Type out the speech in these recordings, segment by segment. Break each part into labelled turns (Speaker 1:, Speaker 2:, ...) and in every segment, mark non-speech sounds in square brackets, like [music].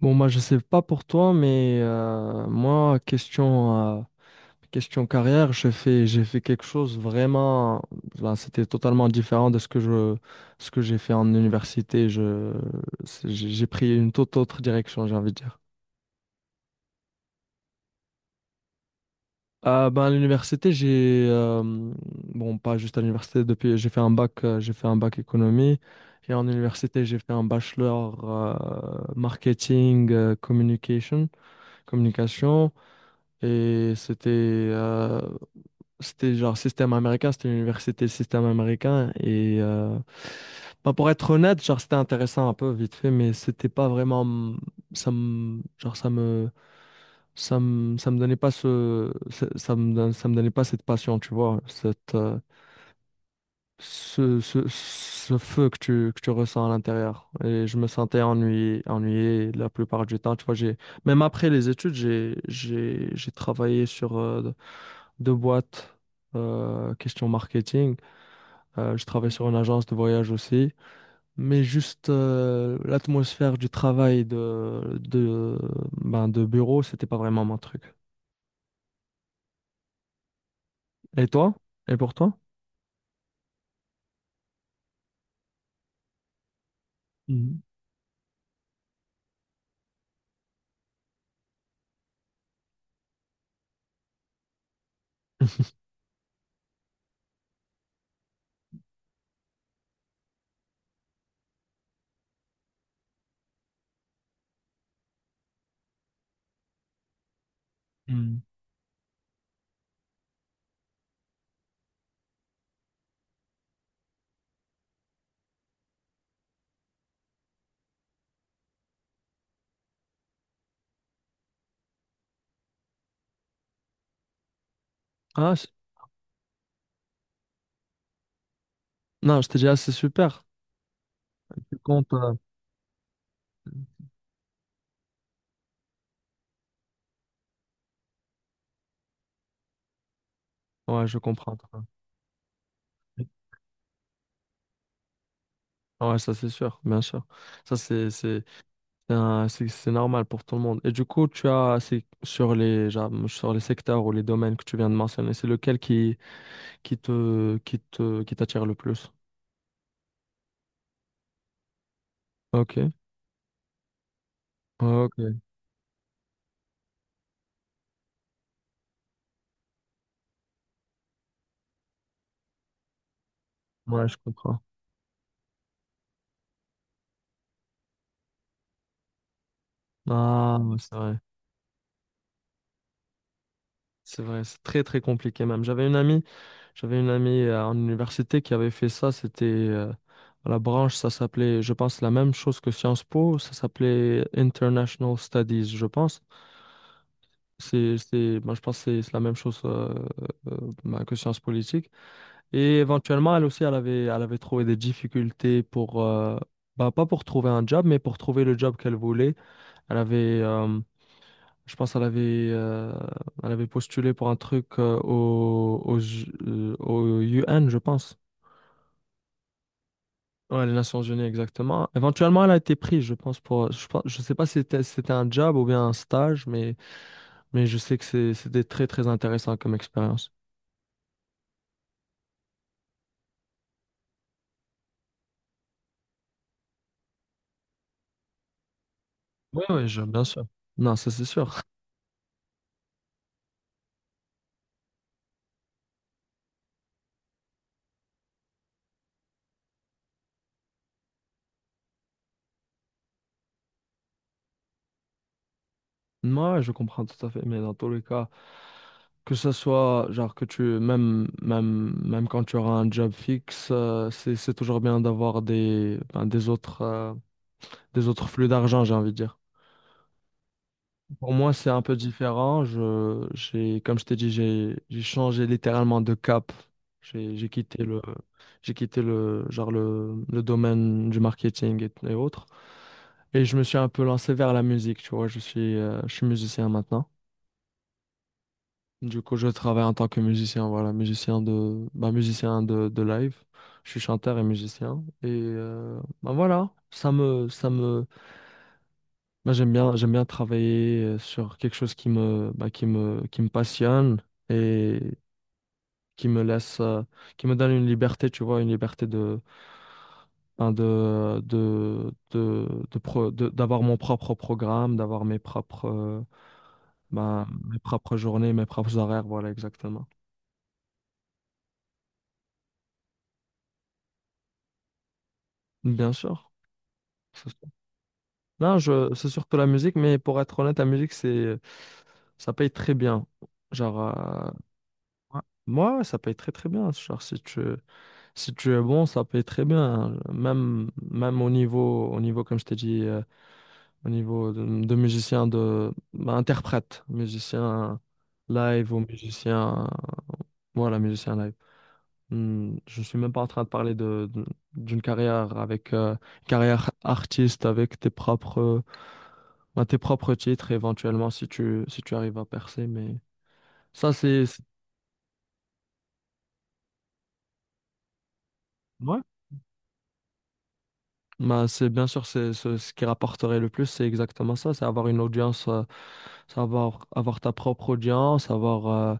Speaker 1: Bon, moi, je sais pas pour toi, mais moi, question carrière, j'ai fait quelque chose vraiment. Là, c'était totalement différent de ce ce que j'ai fait en université. J'ai pris une toute autre direction, j'ai envie de dire. Ben, à l'université, j'ai. Bon, pas juste à l'université, depuis, j'ai fait un bac, j'ai fait un bac économie. Et en université, j'ai fait un bachelor marketing, communication, communication. Et c'était genre système américain, c'était une université système américain. Bah, pour être honnête, genre c'était intéressant un peu vite fait, mais c'était pas vraiment ça me genre ça me ça me donnait pas ce ça, ça me don- ça me donnait pas cette passion, tu vois, ce feu que tu ressens à l'intérieur. Et je me sentais ennuyé, ennuyé la plupart du temps. Tu vois, même après les études, j'ai travaillé sur deux boîtes question marketing. Je travaille sur une agence de voyage aussi. Mais juste l'atmosphère du travail de bureau, c'était pas vraiment mon truc. Et toi? Et pour toi? Mhm. [laughs] Mhm. Ah, c'est- non, je t'ai dit, ah, c'est super. Tu comptes. Ouais, je comprends. Ouais, ça c'est sûr, bien sûr. Ça c'est un- c'est- C'est normal pour tout le monde. Et du coup, tu as c'est sur les genre, sur les secteurs ou les domaines que tu viens de mentionner, c'est lequel qui t'attire le plus? Ok, ok, ouais, je comprends. Ah, ouais, c'est vrai, c'est vrai, c'est très très compliqué même. J'avais une amie en université qui avait fait ça. C'était la branche, ça s'appelait, je pense, la même chose que Sciences Po, ça s'appelait International Studies, je pense. Moi, je pense que c'est la même chose bah, que sciences politiques. Et éventuellement, elle aussi, elle avait trouvé des difficultés pour, bah, pas pour trouver un job, mais pour trouver le job qu'elle voulait. Elle avait, je pense, elle avait postulé pour un truc au UN, je pense. Ouais, les Nations Unies, exactement. Éventuellement, elle a été prise, je pense, pour, je pense, je sais pas si c'était un job ou bien un stage, mais je sais que c'était très, très intéressant comme expérience. Oui, oui, bien sûr. Non, ça c'est sûr. [laughs] Moi, ouais, je comprends tout à fait, mais dans tous les cas, que ce soit, genre, que tu, même, même, même quand tu auras un job fixe, c'est toujours bien d'avoir des, ben, des autres flux d'argent, j'ai envie de dire. Pour moi, c'est un peu différent. Comme je t'ai dit, j'ai changé littéralement de cap. J'ai quitté j'ai quitté le, genre le domaine du marketing et autres. Et je me suis un peu lancé vers la musique, tu vois. Je suis musicien maintenant. Du coup, je travaille en tant que musicien, voilà, musicien de, bah, musicien de live. Je suis chanteur et musicien. Bah, voilà, moi, j'aime bien travailler sur quelque chose qui me, bah, qui me passionne et qui me laisse, qui me donne une liberté, tu vois, une liberté de, ben, de d'avoir mon propre programme, d'avoir mes propres, ben, mes propres journées, mes propres horaires, voilà, exactement. Bien sûr. C'est sûr. Non, je, c'est surtout la musique, mais pour être honnête, la musique, c'est, ça paye très bien. Genre, ouais, moi, ça paye très très bien. Si tu es bon, ça paye très bien. Hein. Même, au niveau, comme je t'ai dit, au niveau de musicien, de, bah, interprète, musicien live ou musicien, voilà, musicien live. Hmm, je suis même pas en train de parler d'une carrière avec, carrière artiste avec tes propres, bah, tes propres titres éventuellement si tu arrives à percer. Mais ça, ouais. Bah, c'est bien sûr c'est ce qui rapporterait le plus, c'est exactement ça, c'est avoir une audience, c'est avoir, avoir ta propre audience, avoir, euh,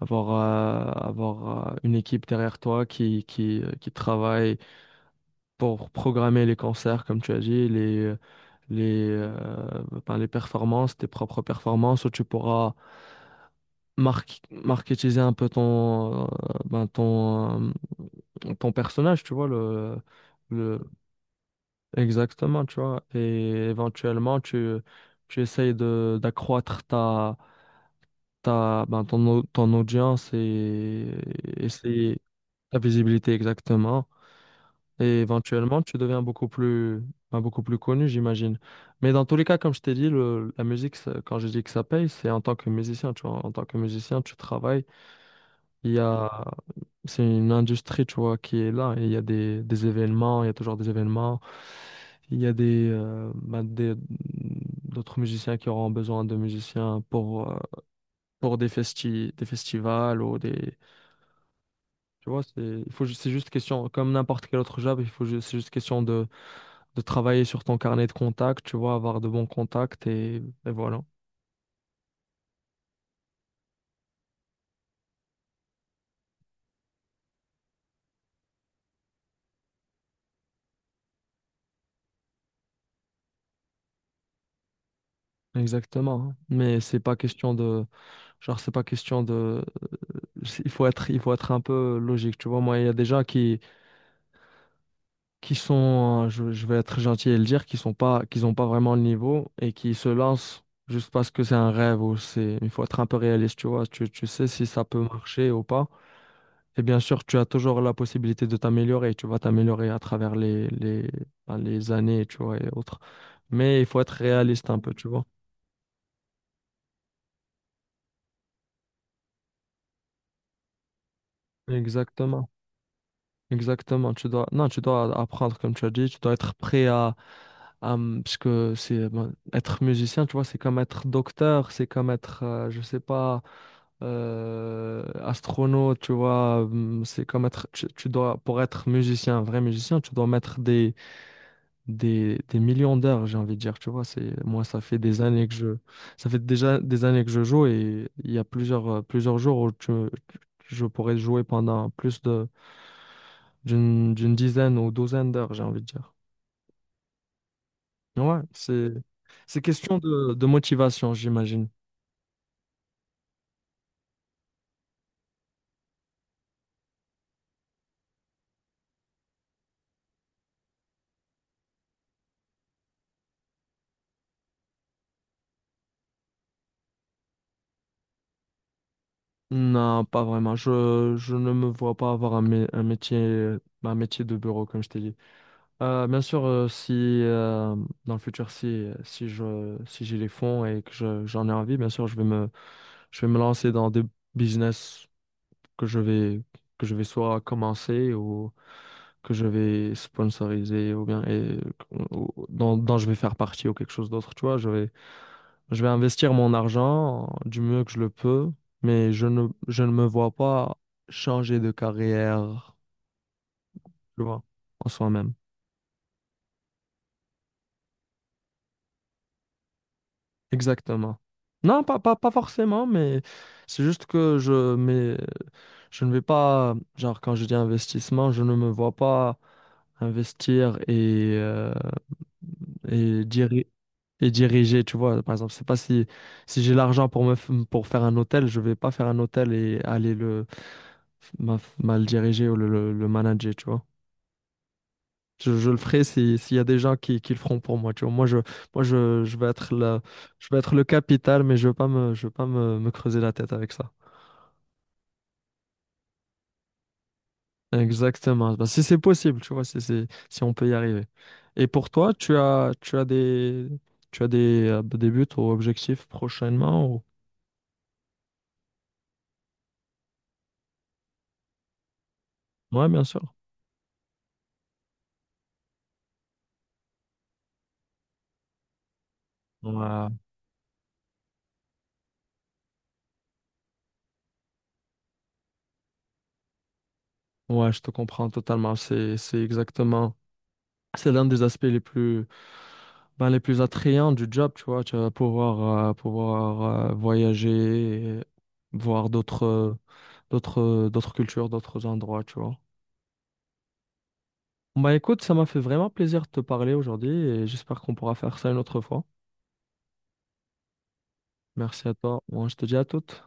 Speaker 1: avoir, euh, avoir une équipe derrière toi qui travaille pour programmer les concerts, comme tu as dit, les, euh, ben, les performances, tes propres performances, où tu pourras mar marketiser un peu ton, ben, ton, ton personnage, tu vois, le, Exactement, tu vois. Et éventuellement, tu essayes de, d'accroître ta, ta, ben, ton, au- ton audience et essayer ta visibilité exactement. Et éventuellement, tu deviens beaucoup plus, ben, beaucoup plus connu, j'imagine. Mais dans tous les cas, comme je t'ai dit, la musique, quand je dis que ça paye, c'est en tant que musicien, tu vois. En tant que musicien, tu travailles. Il y a, c'est une industrie, tu vois, qui est là. Et il y a des événements, il y a toujours des événements. Il y a des, bah, d'autres musiciens qui auront besoin de musiciens pour des des festivals ou des, tu vois, c'est, c'est juste question, comme n'importe quel autre job, c'est juste question de travailler sur ton carnet de contacts, tu vois, avoir de bons contacts et voilà. Exactement. Hein. Mais c'est pas question de, genre, c'est pas question de il faut être un peu logique, tu vois. Moi, il y a des gens qui sont, je vais être gentil et le dire, qui sont pas, qui ont pas vraiment le niveau et qui se lancent juste parce que c'est un rêve ou c'est, il faut être un peu réaliste, tu vois. Tu sais si ça peut marcher ou pas. Et bien sûr, tu as toujours la possibilité de t'améliorer. Tu vas t'améliorer à travers ben, les années, tu vois, et autres. Mais il faut être réaliste un peu, tu vois. Exactement. Exactement, tu dois, non, tu dois apprendre comme tu as dit, tu dois être prêt à, parce que c'est bon, être musicien, tu vois, c'est comme être docteur, c'est comme être, je sais pas, astronaute, tu vois, c'est comme être, tu dois, pour être musicien, un vrai musicien, tu dois mettre des des millions d'heures, j'ai envie de dire, tu vois, c'est moi ça fait des années que je ça fait déjà des années que je joue et il y a plusieurs plusieurs jours où tu- je pourrais jouer pendant plus de d'une dizaine ou douzaine d'heures, j'ai envie de dire. Ouais, c'est question de motivation, j'imagine. Non, pas vraiment. Je ne me vois pas avoir un, un métier de bureau comme je t'ai dit. Bien sûr, si dans le futur, si si je si j'ai les fonds et que j'en ai envie, bien sûr, je vais me lancer dans des business que je vais que je vais soit commencer ou que je vais sponsoriser ou bien et dont, dont je vais faire partie ou quelque chose d'autre. Tu vois, je vais investir mon argent du mieux que je le peux, mais je ne me vois pas changer de carrière, tu vois, en soi-même. Exactement. Non, pas, pas, pas forcément, mais c'est juste que je, mais je ne vais pas, genre quand je dis investissement, je ne me vois pas investir et, et diriger, tu vois. Par exemple, c'est pas si, si j'ai l'argent pour me, pour faire un hôtel, je vais pas faire un hôtel et aller le, mal diriger ou le manager, tu vois. Je le ferai s'il y a des gens qui le feront pour moi. Tu vois, moi je vais être je vais être le capital, mais je ne veux pas me, je veux pas me, me creuser la tête avec ça. Exactement. Bah, si c'est possible, tu vois, si on peut y arriver. Et pour toi, tu as des buts ou objectifs prochainement ou... Ouais, bien sûr. Ouais, ouais, je te comprends totalement. C'est exactement. C'est l'un des aspects les plus, ben, les plus attrayants du job, tu vois. Tu vas pouvoir, pouvoir voyager, et voir d'autres, d'autres cultures, d'autres endroits, tu vois. Bah écoute, ça m'a fait vraiment plaisir de te parler aujourd'hui et j'espère qu'on pourra faire ça une autre fois. Merci à toi. Moi, je te dis à toute.